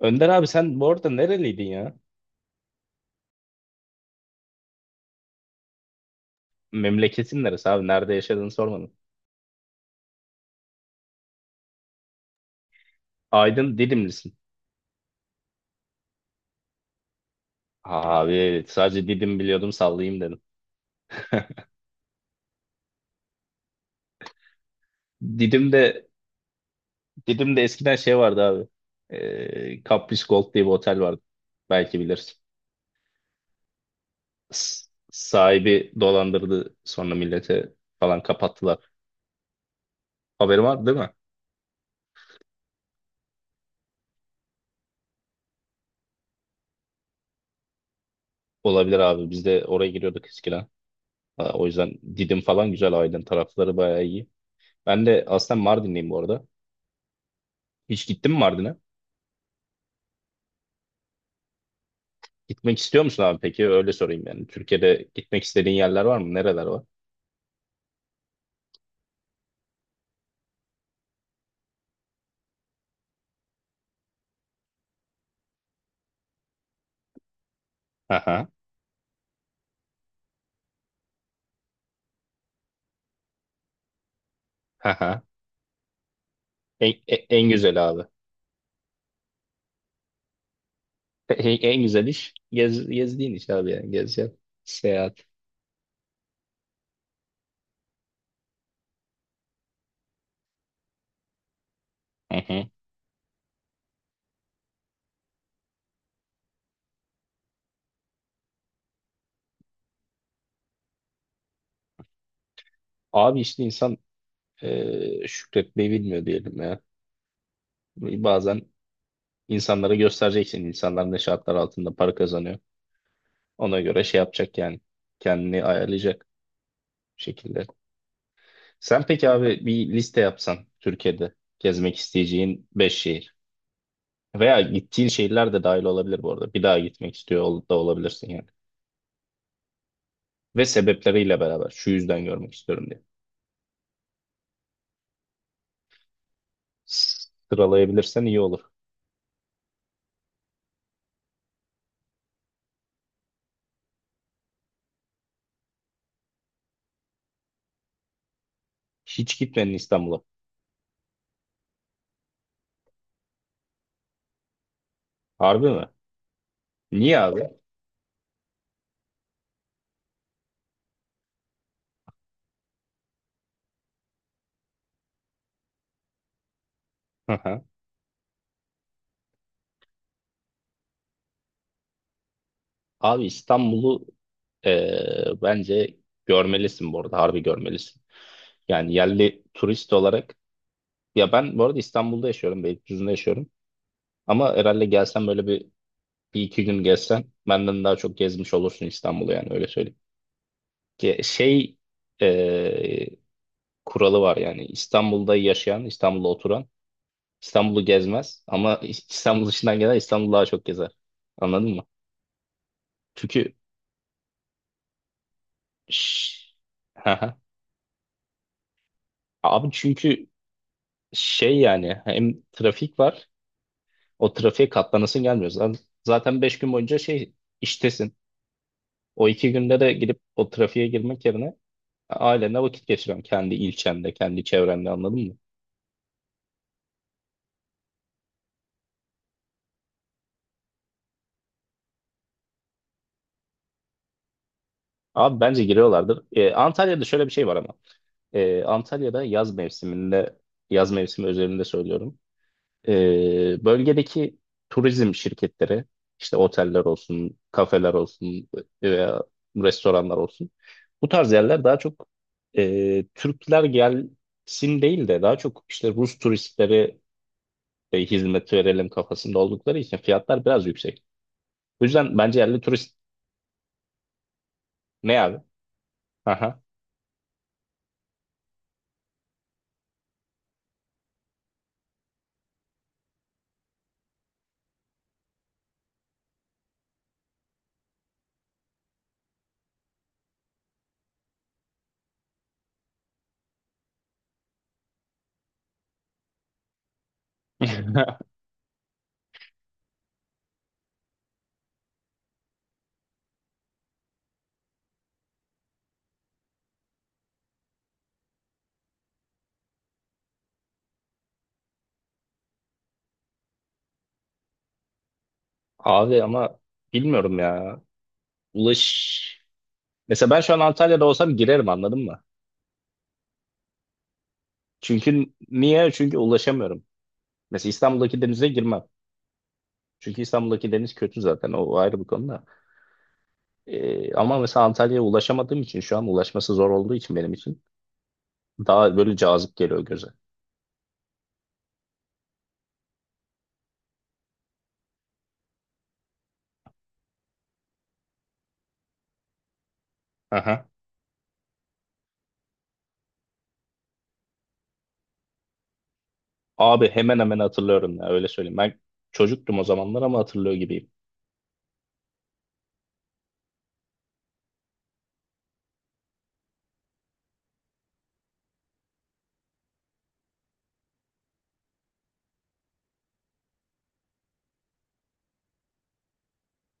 Önder abi sen bu arada nereliydin ya? Memleketin neresi abi? Nerede yaşadığını sormadın. Aydın Didimlisin. Abi evet, sadece Didim biliyordum sallayayım dedim. Didim'de Didim'de eskiden şey vardı abi. Caprice Gold diye bir otel vardı. Belki bilirsin. S- sahibi dolandırdı sonra millete falan kapattılar. Haberin var değil mi? Olabilir abi. Biz de oraya giriyorduk eskiden. Ha, o yüzden Didim falan güzel. Aydın tarafları bayağı iyi. Ben de aslında Mardinliyim bu arada. Hiç gittin mi Mardin'e? Gitmek istiyor musun abi peki? Öyle sorayım yani. Türkiye'de gitmek istediğin yerler var mı? Nereler var? Aha, aha. En güzel abi. En güzel iş gezdiğin iş abi yani. Gezeceksin. Seyahat. Hı hı. Abi işte insan şükretmeyi bilmiyor diyelim ya. Bazen insanlara göstereceksin. İnsanlar ne şartlar altında para kazanıyor. Ona göre şey yapacak yani. Kendini ayarlayacak bir şekilde. Sen peki abi bir liste yapsan Türkiye'de gezmek isteyeceğin 5 şehir. Veya gittiğin şehirler de dahil olabilir bu arada. Bir daha gitmek istiyor da olabilirsin yani. Ve sebepleriyle beraber şu yüzden görmek istiyorum diye. Sıralayabilirsen iyi olur. Hiç gitmedin İstanbul'a. Harbi mi? Niye abi? Hı hı. Abi İstanbul'u bence görmelisin bu arada. Harbi görmelisin. Yani yerli turist olarak ya ben bu arada İstanbul'da yaşıyorum. Beylikdüzü'nde yaşıyorum. Ama herhalde gelsen böyle bir iki gün gezsen benden daha çok gezmiş olursun İstanbul'u yani öyle söyleyeyim. Ki şey e, kuralı var yani İstanbul'da yaşayan, İstanbul'da oturan İstanbul'u gezmez ama İstanbul dışından gelen İstanbul'u daha çok gezer. Anladın mı? Çünkü Şş, hı hı. Abi çünkü şey yani hem trafik var, o trafiğe katlanasın gelmiyor. Zaten 5 gün boyunca şey iştesin. O 2 günde de gidip o trafiğe girmek yerine ailenle vakit geçiriyorsun. Kendi ilçende, kendi çevrende anladın mı? Abi bence giriyorlardır. E, Antalya'da şöyle bir şey var ama. Antalya'da yaz mevsiminde, yaz mevsimi özelinde söylüyorum. Bölgedeki turizm şirketleri, işte oteller olsun, kafeler olsun veya restoranlar olsun. Bu tarz yerler daha çok Türkler gelsin değil de daha çok işte Rus turistleri hizmet verelim kafasında oldukları için fiyatlar biraz yüksek. O yüzden bence yerli turist ne abi? Aha. Abi ama bilmiyorum ya. Ulaş Mesela ben şu an Antalya'da olsam girerim anladın mı? Çünkü niye? Çünkü ulaşamıyorum. Mesela İstanbul'daki denize girmem. Çünkü İstanbul'daki deniz kötü zaten. O ayrı bir konu da. Ama mesela Antalya'ya ulaşamadığım için şu an ulaşması zor olduğu için benim için daha böyle cazip geliyor göze. Aha. Abi hemen hemen hatırlıyorum ya öyle söyleyeyim. Ben çocuktum o zamanlar ama hatırlıyor gibiyim.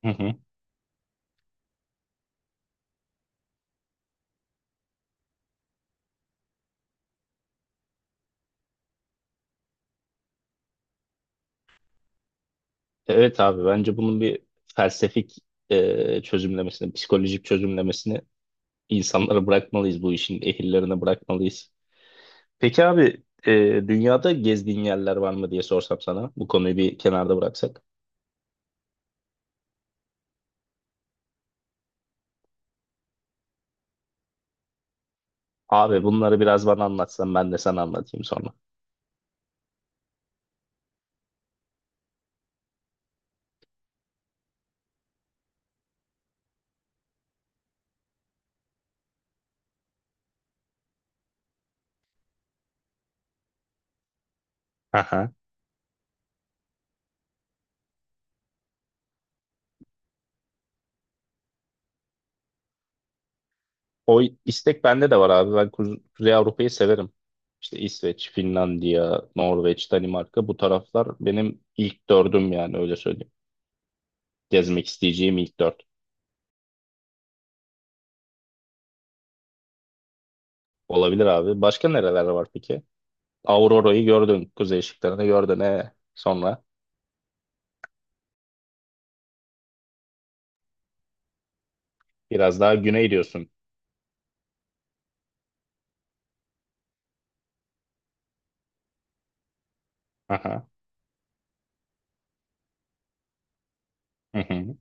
Hı hı. Evet abi bence bunun bir felsefik çözümlemesini, psikolojik çözümlemesini insanlara bırakmalıyız, bu işin ehillerine bırakmalıyız. Peki abi dünyada gezdiğin yerler var mı diye sorsam sana. Bu konuyu bir kenarda bıraksak. Abi bunları biraz bana anlatsan ben de sana anlatayım sonra. Aha. O istek bende de var abi. Ben Kuzey Avrupa'yı severim. İşte İsveç, Finlandiya, Norveç, Danimarka bu taraflar benim ilk dördüm yani öyle söyleyeyim. Gezmek isteyeceğim ilk dört. Olabilir abi. Başka nereler var peki? Aurora'yı gördün. Kuzey ışıklarını gördün. E, sonra biraz daha güney diyorsun. Aha. Hı hı.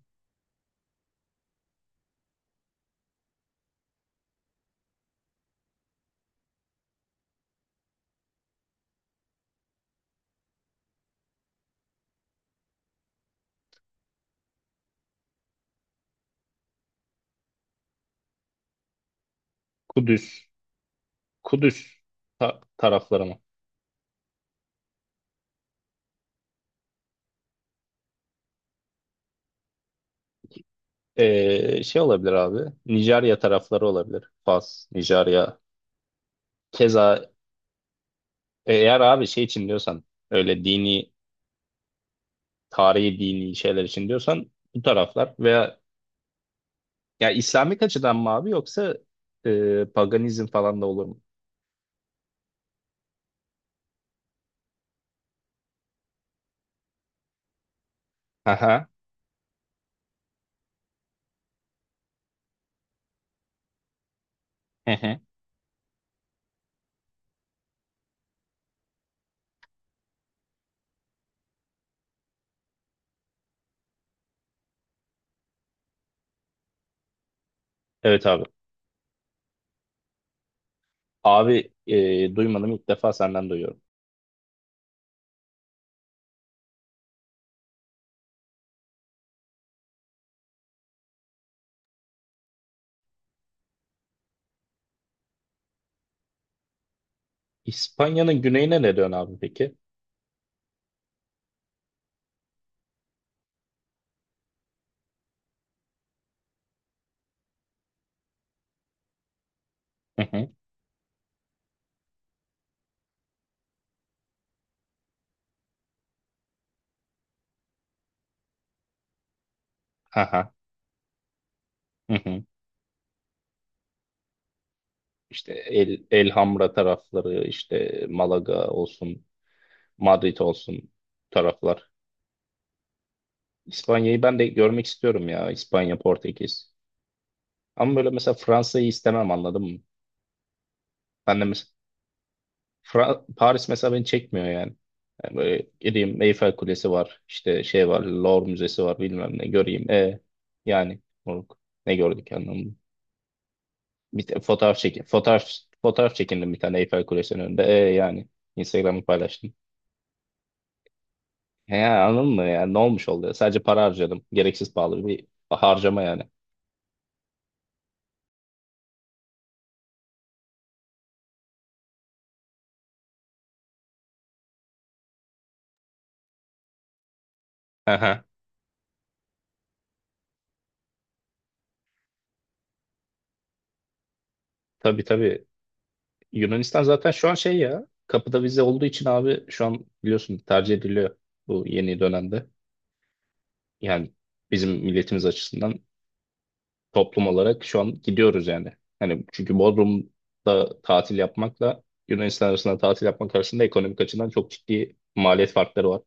Kudüs. Kudüs tarafları mı? Şey olabilir abi. Nijerya tarafları olabilir. Fas, Nijerya. Keza eğer abi şey için diyorsan öyle dini, tarihi dini şeyler için diyorsan bu taraflar veya ya İslamik açıdan mı abi yoksa paganizm falan da olur mu? Aha. Hı hı. Evet abi. Abi duymadım, ilk defa senden duyuyorum. İspanya'nın güneyine ne dön abi peki? Hı hı. Aha. Hı hı. İşte El Hamra tarafları, işte Malaga olsun, Madrid olsun taraflar. İspanya'yı ben de görmek istiyorum ya. İspanya, Portekiz. Ama böyle mesela Fransa'yı istemem anladın mı? Ben de mesela Paris mesela beni çekmiyor yani. Yani böyle gideyim Eyfel Kulesi var, işte şey var, Louvre Müzesi var, bilmem ne göreyim. Yani moruk, ne gördük anlamında. Bir te- fotoğraf çekin, fotoğraf fotoğraf çekindim bir tane Eyfel Kulesi'nin önünde. Yani Instagram'ı paylaştım. Yani anladın mı yani ne olmuş oluyor? Sadece para harcadım. Gereksiz pahalı bir harcama yani. Aha. Tabii tabii. Yunanistan zaten şu an şey ya. Kapıda vize olduğu için abi şu an biliyorsun tercih ediliyor bu yeni dönemde. Yani bizim milletimiz açısından toplum olarak şu an gidiyoruz yani. Hani çünkü Bodrum'da tatil yapmakla Yunanistan arasında tatil yapmak arasında ekonomik açıdan çok ciddi maliyet farkları var.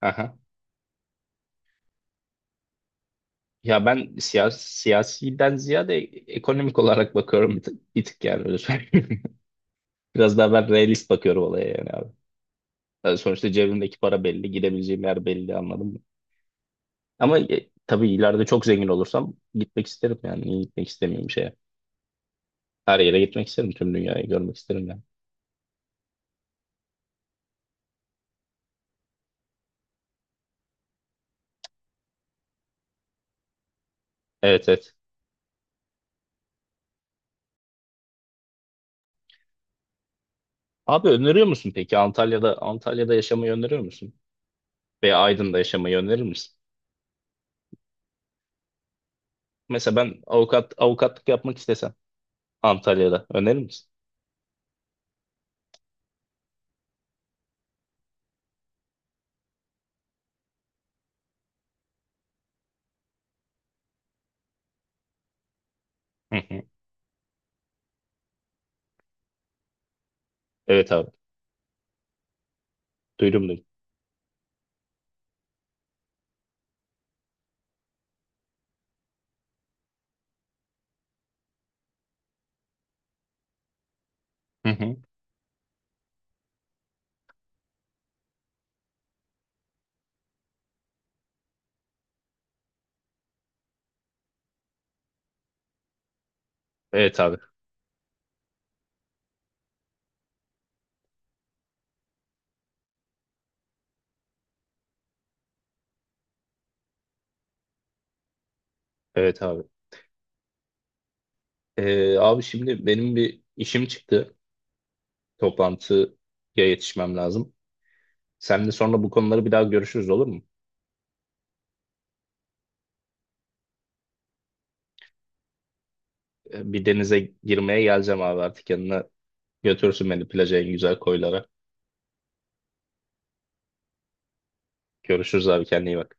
Aha. Ya ben siyasiden ziyade ekonomik olarak bakıyorum bir tık, bir tık yani öyle söyleyeyim. Biraz daha ben realist bakıyorum olaya yani abi. Yani sonuçta cebimdeki para belli, gidebileceğim yer belli anladın mı? Ama tabii ileride çok zengin olursam gitmek isterim yani. Niye gitmek istemiyorum bir şeye? Her yere gitmek isterim, tüm dünyayı görmek isterim yani. Evet evet. Abi öneriyor musun peki Antalya'da yaşamayı öneriyor musun? Veya Aydın'da yaşamayı önerir misin? Mesela ben avukatlık yapmak istesem Antalya'da önerir misin? Hı hı. Evet abi. Duydum duydum. Hı hı. Evet abi. Evet abi. Abi şimdi benim bir işim çıktı. Toplantıya yetişmem lazım. Seninle sonra bu konuları bir daha görüşürüz olur mu? Bir denize girmeye geleceğim abi artık yanına. Götürsün beni plaja en güzel koylara. Görüşürüz abi, kendine iyi bak.